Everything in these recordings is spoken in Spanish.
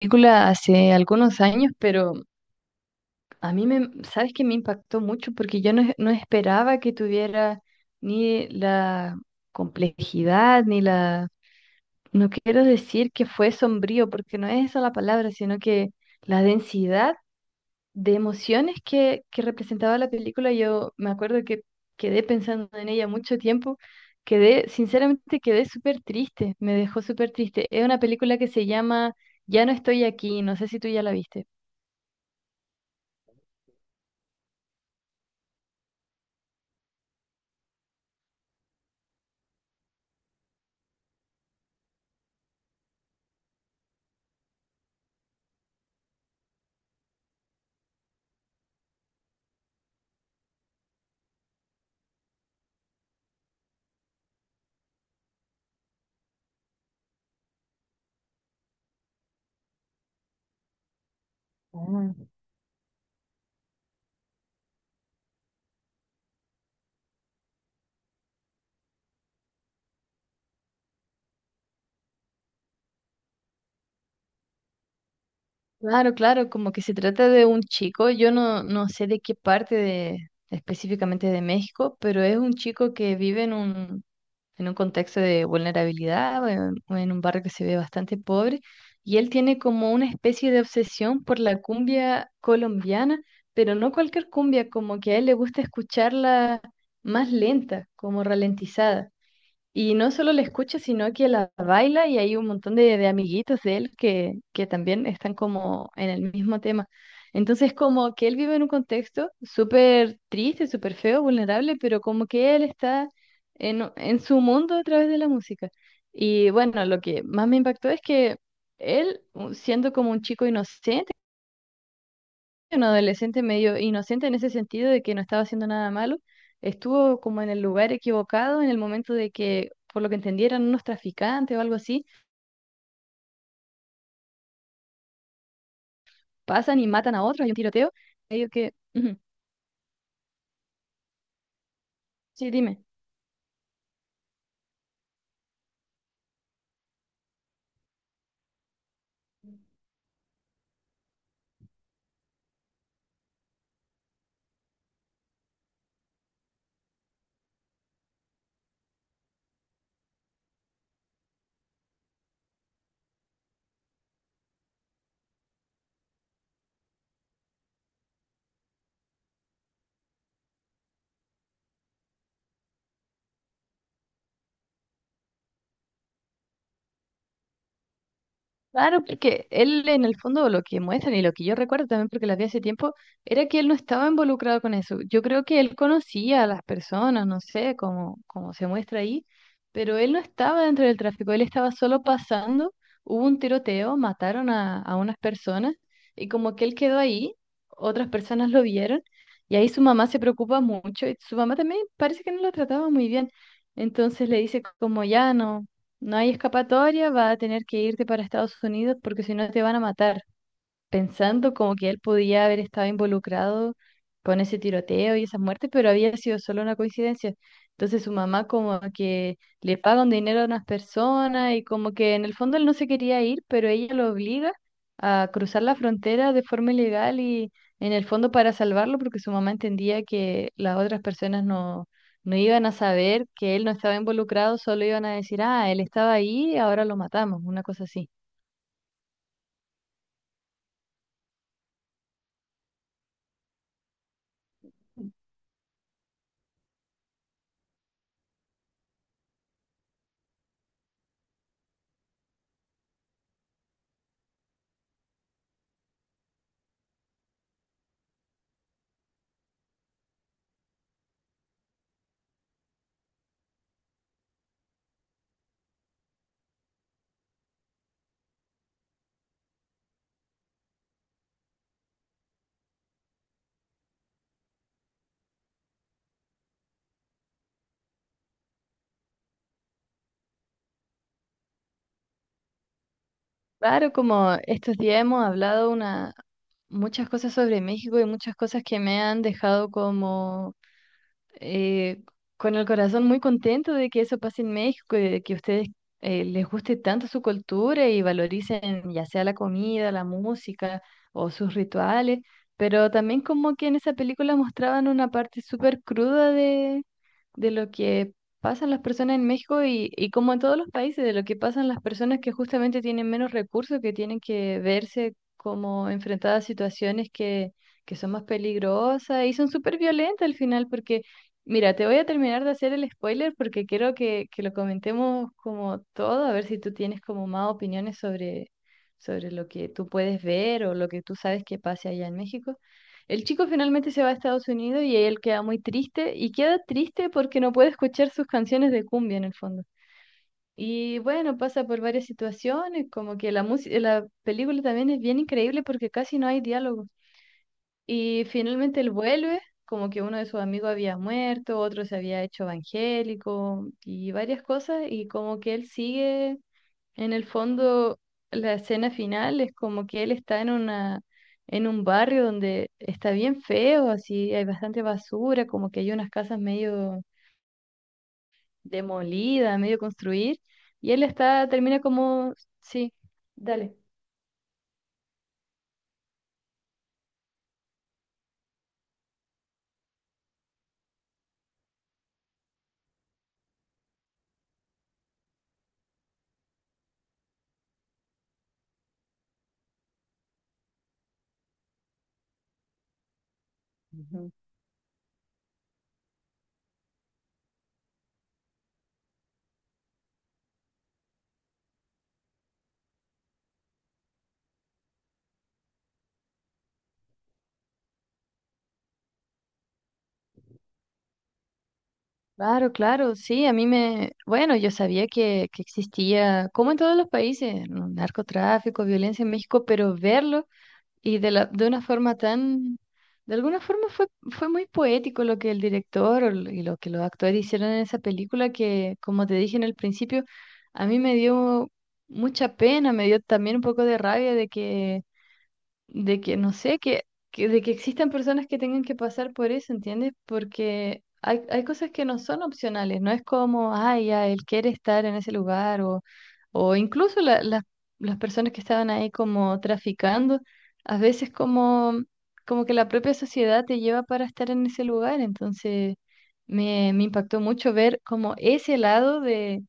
Película hace algunos años, pero a mí me, sabes que me impactó mucho porque yo no, no esperaba que tuviera ni la complejidad, ni no quiero decir que fue sombrío, porque no es esa la palabra, sino que la densidad de emociones que representaba la película. Yo me acuerdo que quedé pensando en ella mucho tiempo. Quedé, sinceramente, quedé súper triste, me dejó súper triste. Es una película que se llama Ya no estoy aquí, no sé si tú ya la viste. Ah, claro, claro, como que se trata de un chico. Yo no sé de qué parte de, específicamente de México, pero es un chico que vive en un contexto de vulnerabilidad, o en un barrio que se ve bastante pobre, y él tiene como una especie de obsesión por la cumbia colombiana, pero no cualquier cumbia, como que a él le gusta escucharla más lenta, como ralentizada. Y no solo la escucha, sino que la baila, y hay un montón de amiguitos de él que también están como en el mismo tema. Entonces como que él vive en un contexto súper triste, súper feo, vulnerable, pero como que él está en su mundo a través de la música. Y bueno, lo que más me impactó es que siendo como un chico inocente, un adolescente medio inocente en ese sentido de que no estaba haciendo nada malo, estuvo como en el lugar equivocado en el momento de que, por lo que entendieran, unos traficantes o algo así, pasan y matan a otros, hay un tiroteo, medio que... Ujú. Sí, dime. Claro, porque él en el fondo lo que muestran, y lo que yo recuerdo también porque las vi hace tiempo, era que él no estaba involucrado con eso. Yo creo que él conocía a las personas, no sé, como, como se muestra ahí, pero él no estaba dentro del tráfico, él estaba solo pasando, hubo un tiroteo, mataron a unas personas y como que él quedó ahí, otras personas lo vieron, y ahí su mamá se preocupa mucho, y su mamá también parece que no lo trataba muy bien. Entonces le dice como ya no. No hay escapatoria, va a tener que irte para Estados Unidos porque si no te van a matar, pensando como que él podía haber estado involucrado con ese tiroteo y esas muertes, pero había sido solo una coincidencia. Entonces su mamá como que le paga un dinero a unas personas, y como que en el fondo él no se quería ir, pero ella lo obliga a cruzar la frontera de forma ilegal, y en el fondo para salvarlo porque su mamá entendía que las otras personas no iban a saber que él no estaba involucrado, solo iban a decir, ah, él estaba ahí, ahora lo matamos, una cosa así. Claro, como estos días hemos hablado muchas cosas sobre México, y muchas cosas que me han dejado como eh, con el corazón muy contento de que eso pase en México, y de que a ustedes les guste tanto su cultura y valoricen ya sea la comida, la música o sus rituales, pero también como que en esa película mostraban una parte súper cruda de lo que pasan las personas en México y como en todos los países, de lo que pasan las personas que justamente tienen menos recursos, que tienen que verse como enfrentadas a situaciones que son más peligrosas y son súper violentas al final, porque, mira, te voy a terminar de hacer el spoiler porque quiero que lo comentemos como todo, a ver si tú tienes como más opiniones sobre lo que tú puedes ver o lo que tú sabes que pase allá en México. El chico finalmente se va a Estados Unidos y él queda muy triste, y queda triste porque no puede escuchar sus canciones de cumbia en el fondo. Y bueno, pasa por varias situaciones. Como que la música, la película también es bien increíble porque casi no hay diálogo. Y finalmente él vuelve, como que uno de sus amigos había muerto, otro se había hecho evangélico y varias cosas, y como que él sigue en el fondo. La escena final es como que él está en una, en un barrio donde está bien feo, así hay bastante basura, como que hay unas casas medio demolidas, medio construir, y él está, termina como, sí, dale. Ujú. Claro, claro, sí, a mí me, bueno, yo sabía que existía, como en todos los países, ¿no?, narcotráfico, violencia en México, pero verlo. Y de de una forma tan, de alguna forma fue muy poético lo que el director y lo que los actores hicieron en esa película que, como te dije en el principio, a mí me dio mucha pena, me dio también un poco de rabia de que no sé, de que existan personas que tengan que pasar por eso, ¿entiendes? Porque hay cosas que no son opcionales, no es como, ay, ya, él quiere estar en ese lugar o incluso las personas que estaban ahí como traficando, a veces como, como que la propia sociedad te lleva para estar en ese lugar. Entonces me impactó mucho ver como ese lado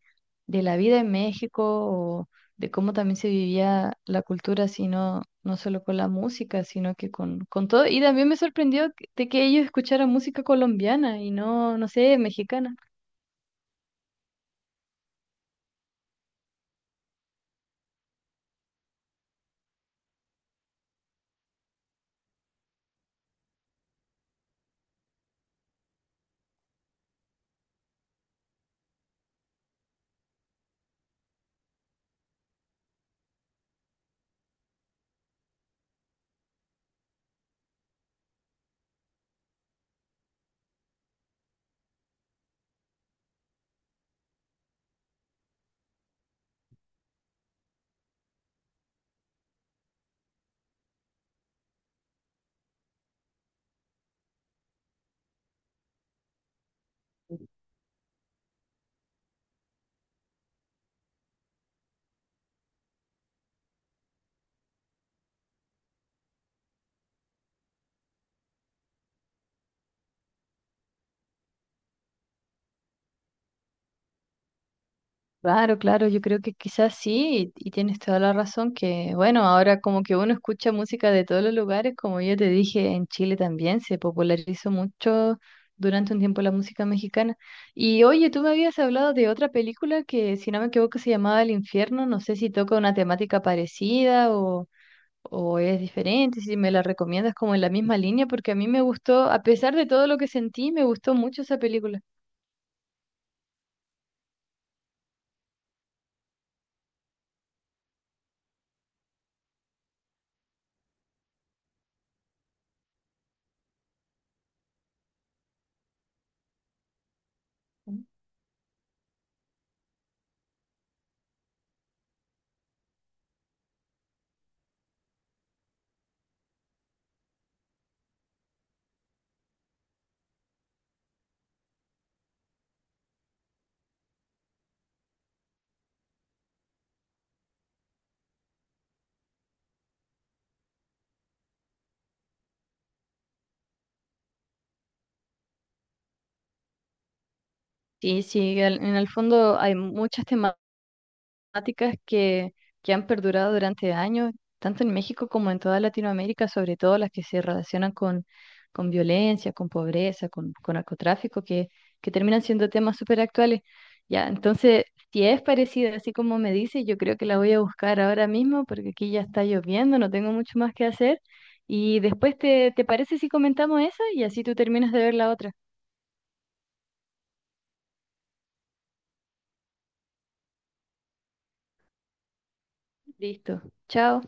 de la vida en México, de cómo también se vivía la cultura, sino no solo con la música, sino que con todo. Y también me sorprendió que- de que ellos escucharan música colombiana y no sé, mexicana. Claro, claro, yo creo que quizás sí, y tienes toda la razón, que bueno, ahora como que uno escucha música de todos los lugares, como yo te dije, en Chile también se popularizó mucho durante un tiempo la música mexicana. Y oye, tú me habías hablado de otra película que, si no me equivoco, se llamaba El Infierno. No sé si toca una temática parecida o es diferente, si me la recomiendas como en la misma línea, porque a mí me gustó, a pesar de todo lo que sentí, me gustó mucho esa película. Sí, sí, en el fondo hay muchas temáticas. Temáticas que han perdurado durante años, tanto en México como en toda Latinoamérica, sobre todo las que se relacionan con violencia, con pobreza, con narcotráfico, que terminan siendo temas súper actuales. Ya, entonces, si es parecida, así como me dice, yo creo que la voy a buscar ahora mismo porque aquí ya está lloviendo, no tengo mucho más que hacer. Y después, te parece si comentamos esa? Y así tú terminas de ver la otra. Listo. Chao.